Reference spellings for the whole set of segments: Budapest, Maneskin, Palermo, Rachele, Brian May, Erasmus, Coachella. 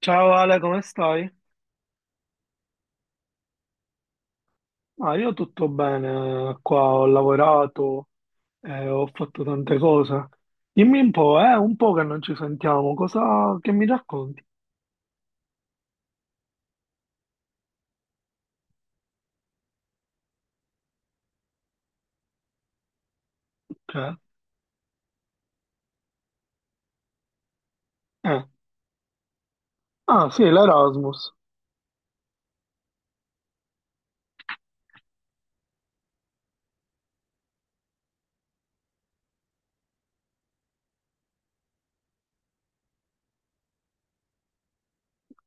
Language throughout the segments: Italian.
Ciao Ale, come stai? Ah, io tutto bene, qua ho lavorato, ho fatto tante cose. Dimmi un po' che non ci sentiamo, cosa che mi racconti? Cioè, eh. Ah sì, l'Erasmus,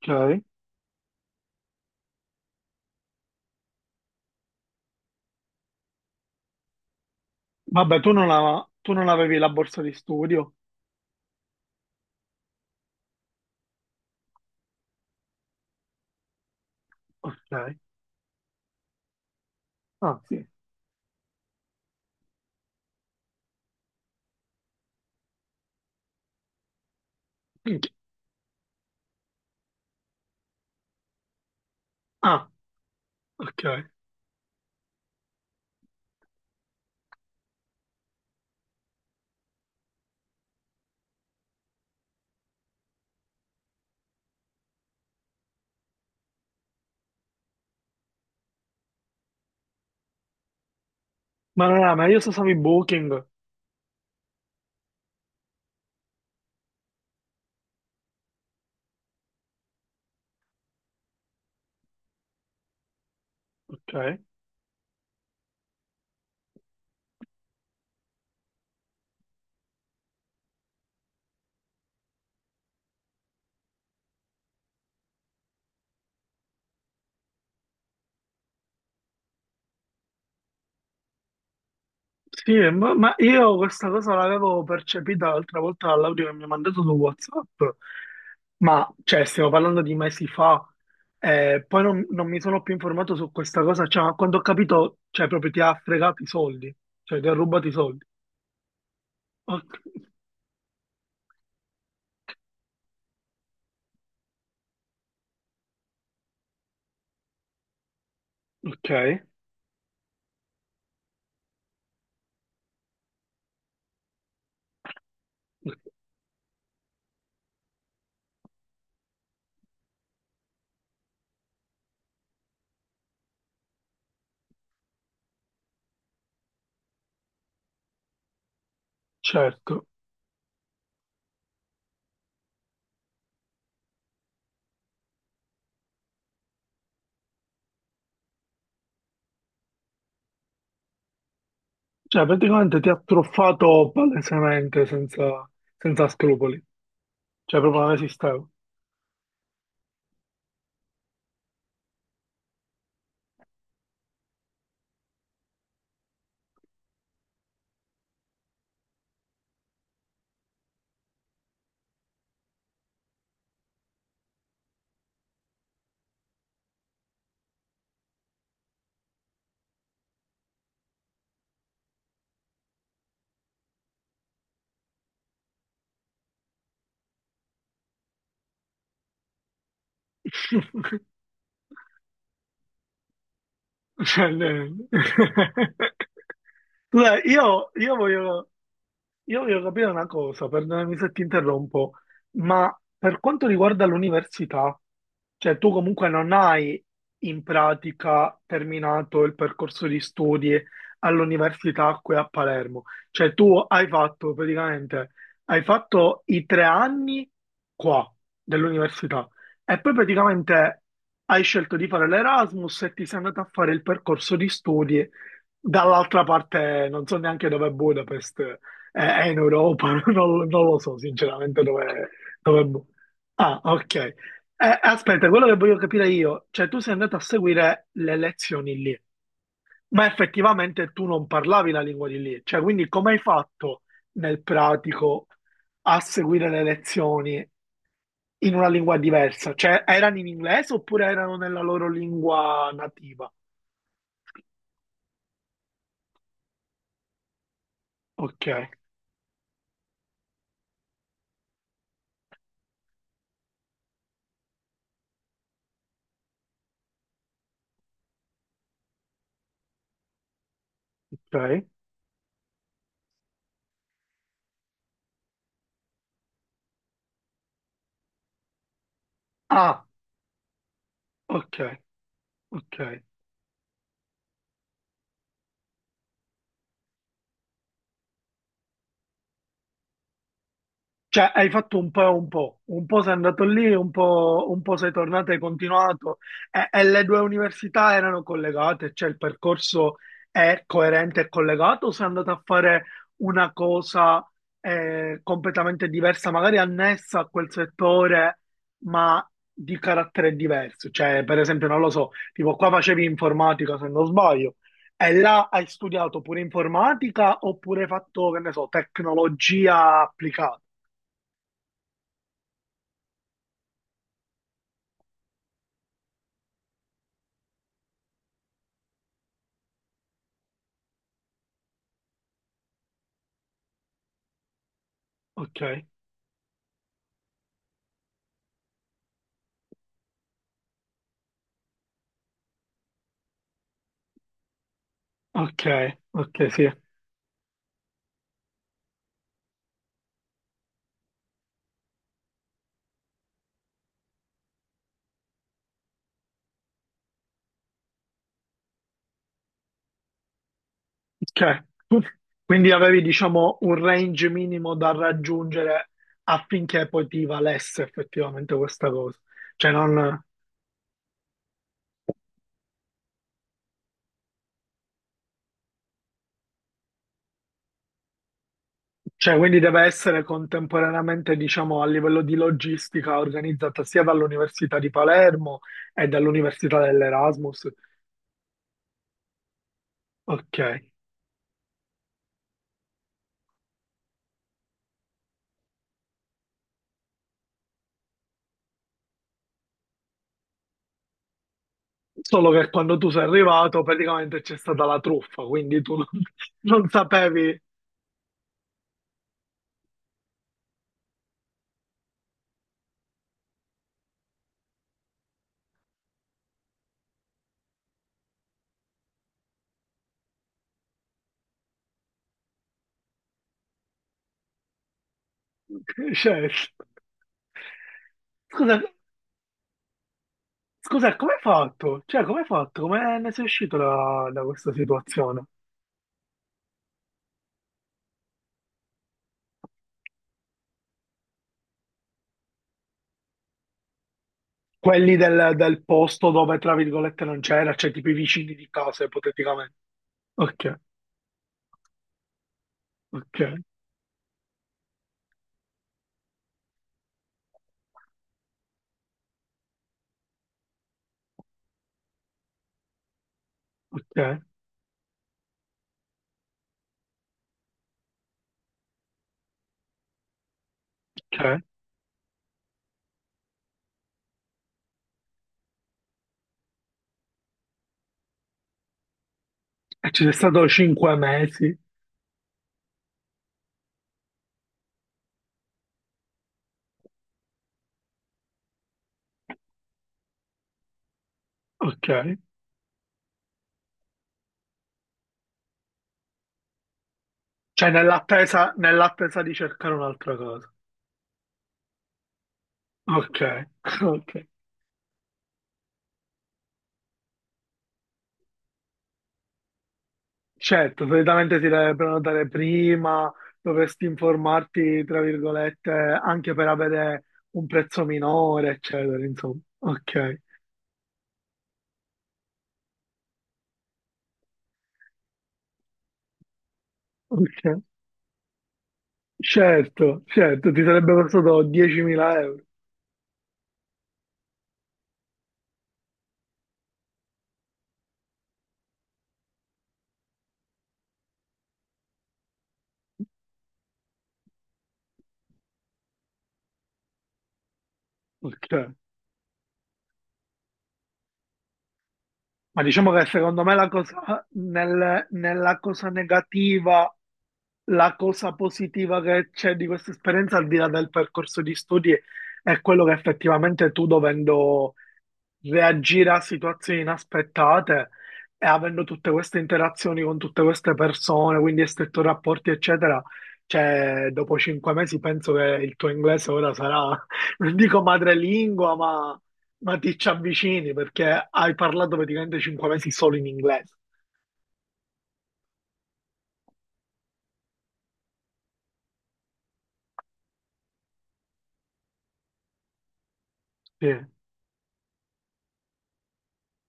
ok. Vabbè, tu non avevi la borsa di studio? Ok. Ah sì. Minchia. Ah, ok. Ma non era meglio se usavi Booking? Ok. Sì, ma io questa cosa l'avevo percepita l'altra volta dall'audio che mi ha mandato su WhatsApp, ma cioè stiamo parlando di mesi fa, poi non, non mi sono più informato su questa cosa, cioè ma quando ho capito, cioè proprio ti ha fregato i soldi, cioè ti ha rubato i soldi. Ok, ok, certo, cioè praticamente ti ha truffato palesemente senza, senza scrupoli, cioè proprio non esisteva. Cioè, ne- Scusa, io voglio capire una cosa, perdonami se ti interrompo, ma per quanto riguarda l'università, cioè tu comunque non hai in pratica terminato il percorso di studi all'università qui a Palermo, cioè tu hai fatto praticamente, hai fatto i tre anni qua dell'università e poi praticamente hai scelto di fare l'Erasmus e ti sei andato a fare il percorso di studi dall'altra parte, non so neanche dove è Budapest. È in Europa, non lo so sinceramente dove, dove... bu- Ah, ok. Aspetta, quello che voglio capire io, cioè tu sei andato a seguire le lezioni lì, ma effettivamente tu non parlavi la lingua di lì, cioè quindi come hai fatto nel pratico a seguire le lezioni in una lingua diversa? Cioè erano in inglese oppure erano nella loro lingua nativa? Ok, ok. Ah, ok, ok. Cioè, hai fatto un po' e un po' sei andato lì, un po' sei tornato e hai continuato. E le due università erano collegate, cioè il percorso è coerente e collegato, o sei andato a fare una cosa completamente diversa, magari annessa a quel settore, ma di carattere diverso. Cioè, per esempio, non lo so, tipo qua facevi informatica, se non sbaglio, e là hai studiato pure informatica oppure hai fatto, che ne so, tecnologia applicata. Ok, ok, ok, sì. Ok. Tu- Quindi avevi, diciamo, un range minimo da raggiungere affinché poi ti valesse effettivamente questa cosa. Cioè, non... cioè, quindi deve essere contemporaneamente, diciamo, a livello di logistica organizzata sia dall'Università di Palermo e dall'Università dell'Erasmus. Ok. Solo che quando tu sei arrivato, praticamente c'è stata la truffa, quindi tu non, non sapevi Cioè, scusa, scusa, come hai fatto? Cioè, come hai fatto? Come ne sei uscito da, da questa situazione? Quelli del, del posto dove, tra virgolette, non c'era, cioè tipo i vicini di casa, ipoteticamente. Ok, ok, ok, ok. E ci sei stato cinque mesi, ok. Cioè, nell'attesa di cercare un'altra cosa. Ok, ok. Certo, solitamente ti deve prenotare prima, dovresti informarti, tra virgolette, anche per avere un prezzo minore, eccetera, insomma. Ok, ok. Certo, certo, ti sarebbe costato 10.000 euro. Ok. Ma diciamo che secondo me la cosa, nella cosa negativa, la cosa positiva che c'è di questa esperienza, al di là del percorso di studi, è quello che effettivamente tu dovendo reagire a situazioni inaspettate e avendo tutte queste interazioni con tutte queste persone, quindi stretto rapporti, eccetera. Cioè, dopo cinque mesi penso che il tuo inglese ora sarà, non dico madrelingua, ma ti ci avvicini perché hai parlato praticamente cinque mesi solo in inglese. Sì.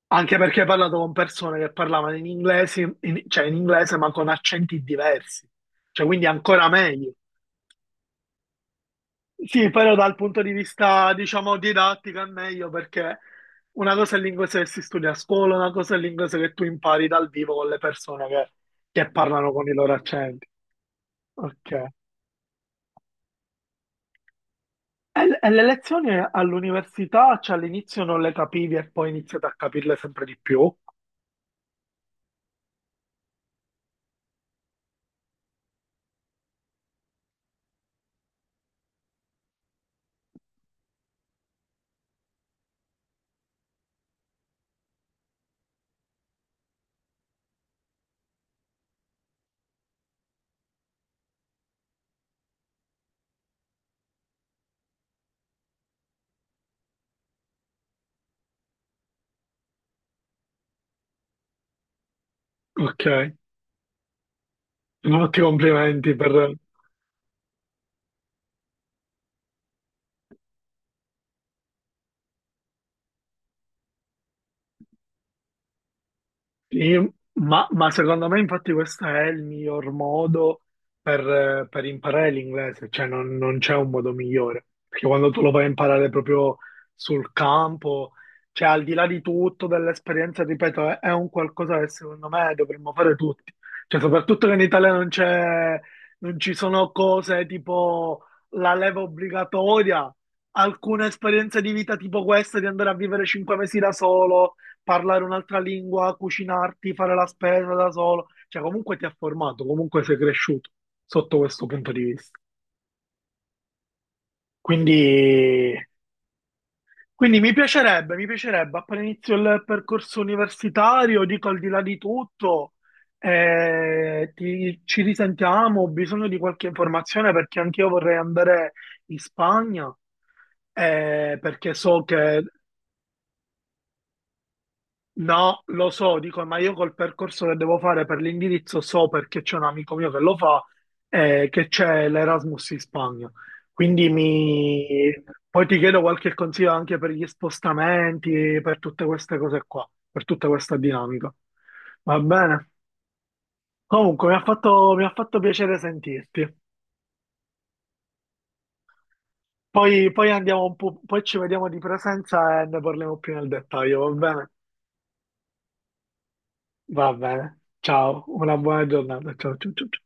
Anche perché hai parlato con persone che parlavano in inglese, cioè in inglese, ma con accenti diversi. Cioè, quindi ancora meglio. Sì, però dal punto di vista, diciamo, didattico è meglio perché una cosa è l'inglese che si studia a scuola, una cosa è l'inglese che tu impari dal vivo con le persone che parlano con i loro accenti. Ok. E le lezioni all'università, cioè all'inizio non le capivi e poi iniziate a capirle sempre di più. Ok. Molti complimenti per, Sì, ma secondo me infatti questo è il miglior modo per imparare l'inglese, cioè non c'è un modo migliore, perché quando tu lo vai a imparare proprio sul campo, cioè al di là di tutto, dell'esperienza, ripeto, è un qualcosa che secondo me dovremmo fare tutti, cioè soprattutto che in Italia non c'è, non ci sono cose tipo la leva obbligatoria, alcune esperienze di vita tipo questa di andare a vivere cinque mesi da solo parlare un'altra lingua, cucinarti, fare la spesa da solo, cioè comunque ti ha formato, comunque sei cresciuto sotto questo punto di vista. Quindi, quindi mi piacerebbe appena inizio il percorso universitario, dico al di là di tutto, ti- ci risentiamo, ho bisogno di qualche informazione perché anch'io vorrei andare in Spagna perché so che No, lo so, dico, ma io col percorso che devo fare per l'indirizzo so perché c'è un amico mio che lo fa e che c'è l'Erasmus in Spagna. Quindi mi... poi ti chiedo qualche consiglio anche per gli spostamenti, per tutte queste cose qua, per tutta questa dinamica. Va bene. Comunque, mi ha fatto piacere sentirti. Poi, poi andiamo un po', poi ci vediamo di presenza e ne parliamo più nel dettaglio, va bene? Va bene. Ciao, una buona giornata. Ciao, ciao, ciao. Ciao.